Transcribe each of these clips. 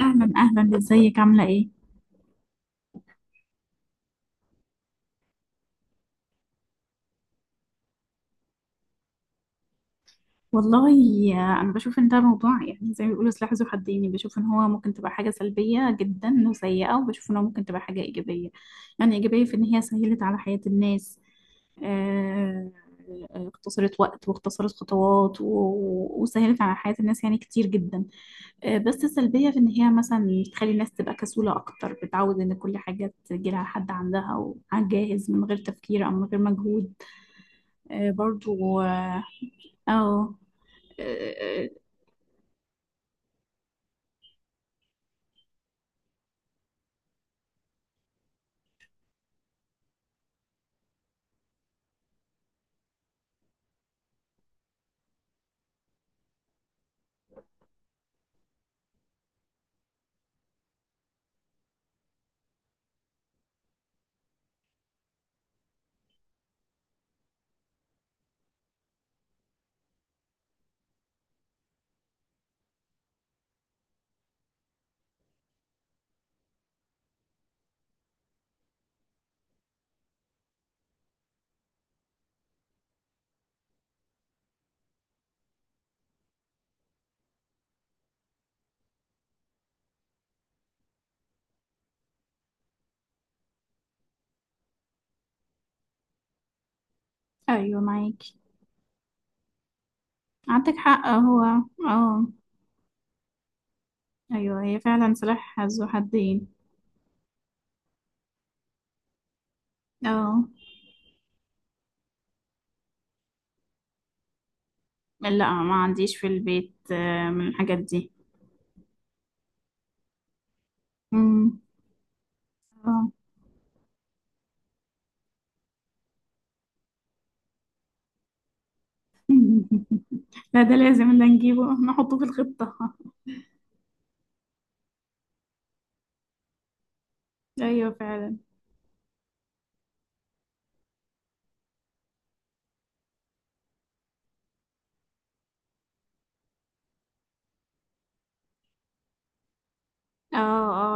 اهلا اهلا، ازيك؟ عامله ايه؟ والله انا بشوف ان ده موضوع يعني زي ما بيقولوا سلاح ذو حدين، يعني بشوف ان هو ممكن تبقى حاجه سلبيه جدا وسيئه، وبشوف ان هو ممكن تبقى حاجه ايجابيه. يعني ايجابيه في ان هي سهلت على حياه الناس، آه، اختصرت وقت واختصرت خطوات وسهلت على حياه الناس يعني كتير جدا. بس السلبيه في ان هي مثلا تخلي الناس تبقى كسوله اكتر، بتعود ان كل حاجه تجيلها لحد عندها وعلى الجاهز من غير تفكير او من غير مجهود. برضو. أو. آه، أيوة معاكي، عندك حق. هو أه أيوة هي فعلا سلاح ذو حدين. أه لا، ما عنديش في البيت من الحاجات دي. مم. آه. لا، ده لازم ده نجيبه نحطه في الخطة. أيوة فعلا. اه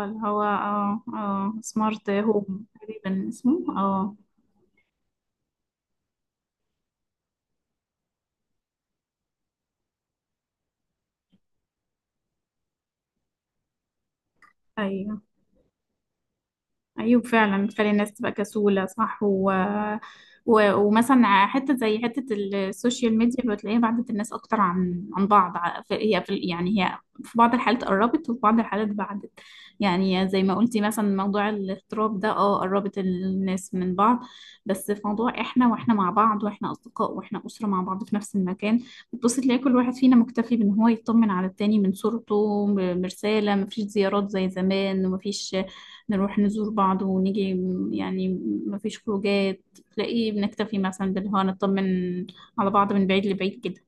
اه، اللي هو سمارت هوم تقريبا اسمه أيوة. أيوة فعلا، بتخلي الناس تبقى كسولة، صح، و... و... ومثلا حتة زي حتة السوشيال ميديا بتلاقيها بعدت الناس أكتر عن بعض. يعني هي، في بعض الحالات قربت وفي بعض الحالات بعدت. يعني زي ما قلتي مثلا موضوع الاغتراب ده قربت الناس من بعض، بس في موضوع احنا واحنا مع بعض واحنا أصدقاء واحنا أسرة مع بعض في نفس المكان، بتبصي تلاقي كل واحد فينا مكتفي بإن هو يطمن على التاني من صورته برسالة. مفيش زيارات زي زمان ومفيش نروح نزور بعض ونيجي يعني مفيش خروجات، تلاقيه بنكتفي مثلا بالهوا نطمن على بعض من بعيد لبعيد كده.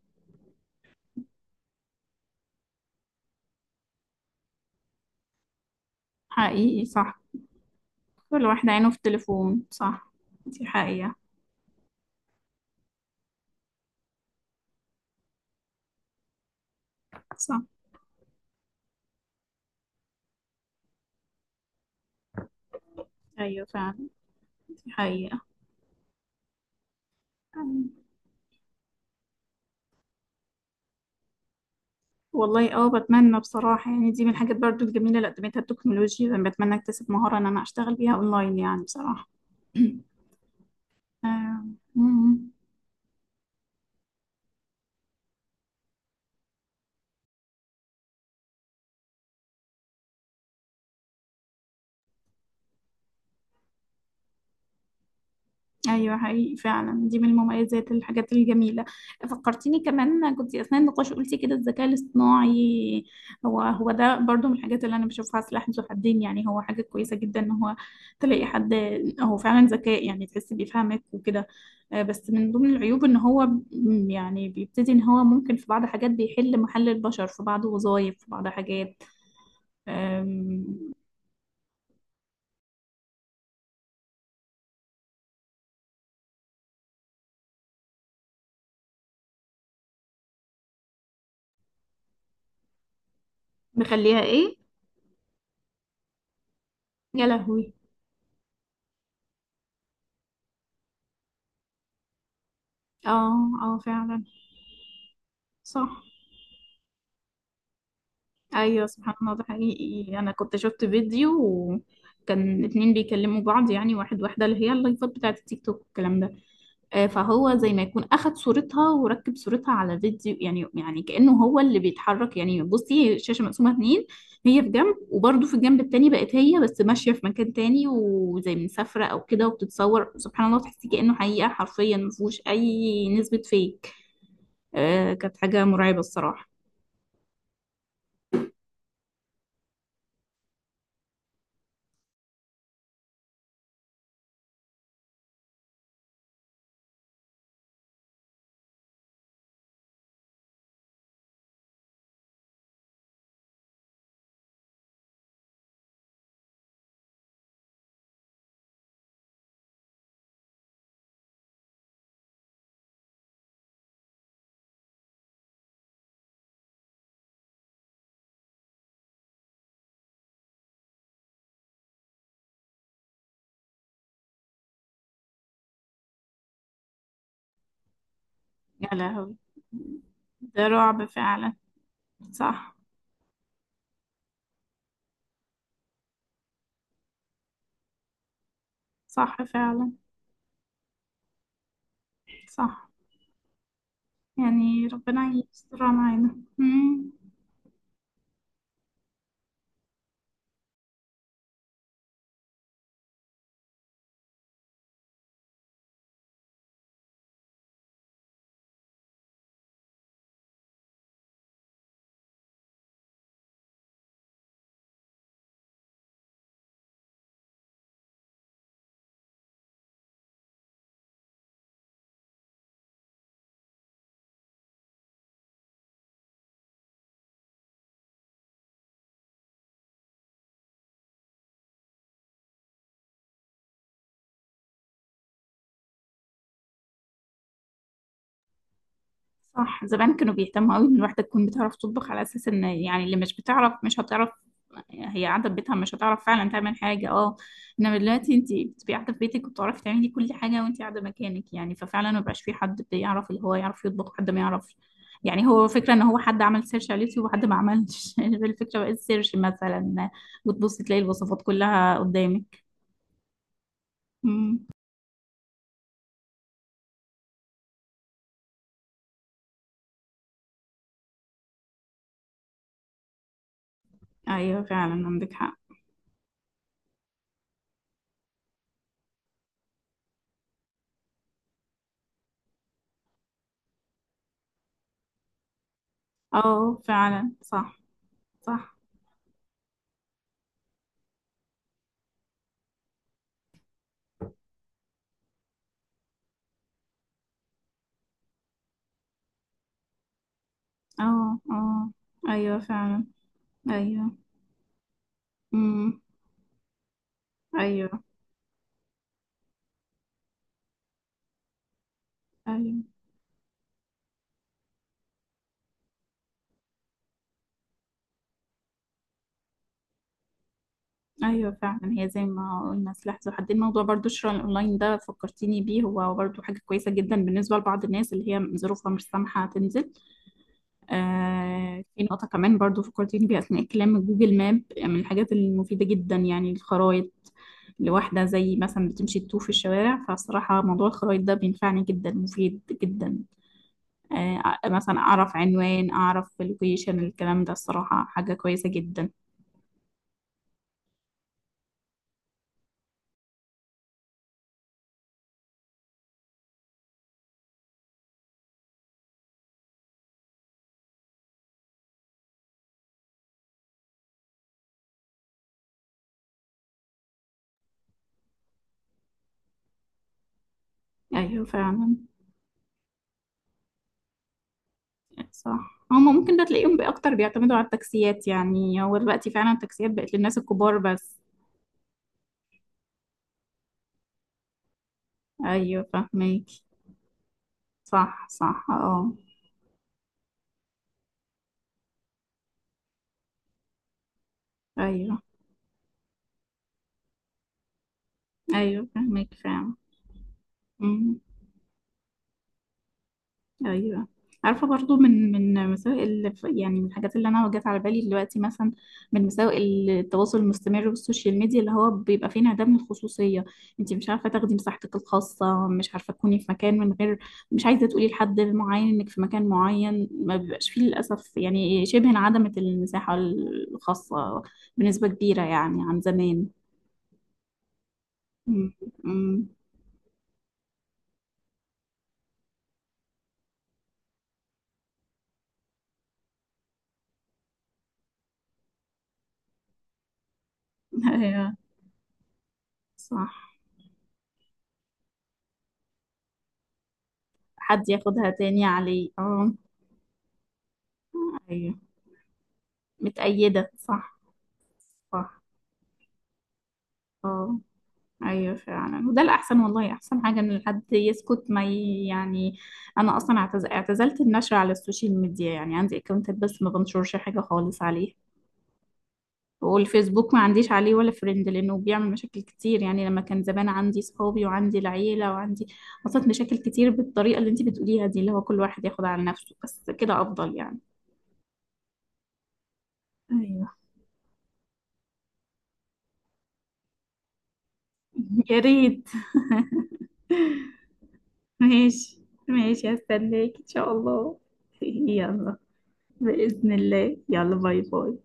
حقيقي صح. كل واحد عينه في التليفون، صح. دي حقيقة. صح. أيوة فعلا، دي حقيقة. والله بتمنى بصراحة، يعني دي من الحاجات برضو الجميلة اللي قدمتها التكنولوجيا، بتمنى اكتسب مهارة ان انا اشتغل بيها اونلاين يعني بصراحة. آه. مم. ايوه حقيقي فعلا، دي من المميزات، الحاجات الجميله. فكرتيني، كمان كنت اثناء النقاش قلتي كده الذكاء الاصطناعي، هو ده برضو من الحاجات اللي انا بشوفها سلاح ذو حدين. يعني هو حاجه كويسه جدا ان هو تلاقي حد هو فعلا ذكاء، يعني تحس بيفهمك وكده. بس من ضمن العيوب ان هو يعني بيبتدي ان هو ممكن في بعض حاجات بيحل محل البشر، في بعض وظائف، في بعض حاجات. آم، مخليها ايه؟ يا لهوي. اه اه فعلا، صح. ايوه سبحان الله، ده حقيقي، انا كنت شفت فيديو، وكان اتنين بيكلموا بعض، يعني واحد واحده، اللي هي اللايفات بتاعت التيك توك والكلام ده. فهو زي ما يكون اخد صورتها وركب صورتها على فيديو، يعني كانه هو اللي بيتحرك، يعني بصي الشاشه مقسومه اتنين، هي في جنب وبرده في الجنب التاني بقت هي بس ماشيه في مكان تاني وزي مسافره او كده وبتتصور، سبحان الله تحسي كانه حقيقه، حرفيا ما فيهوش اي نسبه فيك. كانت حاجه مرعبه الصراحه. يا لهوي. ده رعب فعلا. صح. صح فعلا، صح، يعني ربنا يسترها معانا. مم. صح، زمان كانوا بيهتموا قوي ان الواحده تكون بتعرف تطبخ، على اساس ان يعني اللي مش بتعرف مش هتعرف، هي قاعده في بيتها مش هتعرف فعلا تعمل حاجه، اه. انما دلوقتي انت بتبقي قاعده في بيتك وبتعرفي تعملي كل حاجه وانت قاعده مكانك، يعني ففعلا ما بقاش في حد بيعرف اللي هو يعرف يطبخ حد ما يعرفش. يعني هو فكرة ان هو حد عمل سيرش على اليوتيوب وحد ما عملش. الفكرة بقت سيرش مثلا، وتبصي تلاقي الوصفات كلها قدامك. مم. ايوه فعلا، عندك حق. اه فعلا، صح. صح، اه. اه ايوه فعلا. ايوه. امم. ايوه. ايوه. ايوه فعلا، هي زي ما قلنا سلاح ذو حدين. الموضوع، برضو الشراء الاونلاين ده فكرتيني بيه، هو برضو حاجه كويسه جدا بالنسبه لبعض الناس اللي هي ظروفها مش سامحه تنزل. آه، في نقطة كمان برضو فكرتيني بيها أثناء الكلام، جوجل ماب، يعني من الحاجات المفيدة جدا، يعني الخرايط، لواحدة زي مثلا بتمشي تتوه في الشوارع، فصراحة موضوع الخرايط ده بينفعني جدا، مفيد جدا. آه مثلا أعرف عنوان، أعرف اللوكيشن، الكلام ده الصراحة حاجة كويسة جدا. أيوة فعلا. صح، هما ممكن ده تلاقيهم أكتر بيعتمدوا على التاكسيات، يعني هو دلوقتي فعلا التاكسيات بقت للناس الكبار بس. أيوة فاهمك. صح صح، اه. أيوة. ايوه فاهمك فعلا. امم. ايوه. عارفه برضو من مساوئ يعني من الحاجات اللي انا جت على بالي دلوقتي، مثلا من مساوئ التواصل المستمر والسوشيال ميديا، اللي هو بيبقى فيه انعدام من الخصوصيه، انت مش عارفه تاخدي مساحتك الخاصه، مش عارفه تكوني في مكان من غير، مش عايزه تقولي لحد معين انك في مكان معين ما بيبقاش فيه للاسف، يعني شبه انعدمت المساحه الخاصه بنسبه كبيره يعني عن زمان. امم. أمم. ايوه صح. حد ياخدها تاني عليه، اه. ايوه متأيدة، صح. صح، اه. ايوه فعلا، وده الاحسن، والله احسن حاجه ان الحد يسكت، ما يعني انا اصلا اعتزلت النشر على السوشيال ميديا، يعني عندي اكونتات بس ما بنشرش حاجه خالص عليه. والفيسبوك ما عنديش عليه ولا فريند، لانه بيعمل مشاكل كتير، يعني لما كان زمان عندي صحابي وعندي العيله وعندي، حصلت مشاكل كتير بالطريقه اللي انت بتقوليها دي، اللي هو كل واحد ياخد على نفسه، بس كده افضل يعني. ايوه. يا ريت. ماشي. ماشي، هستناك ان شاء الله. يلا. بإذن الله، يلا، باي باي.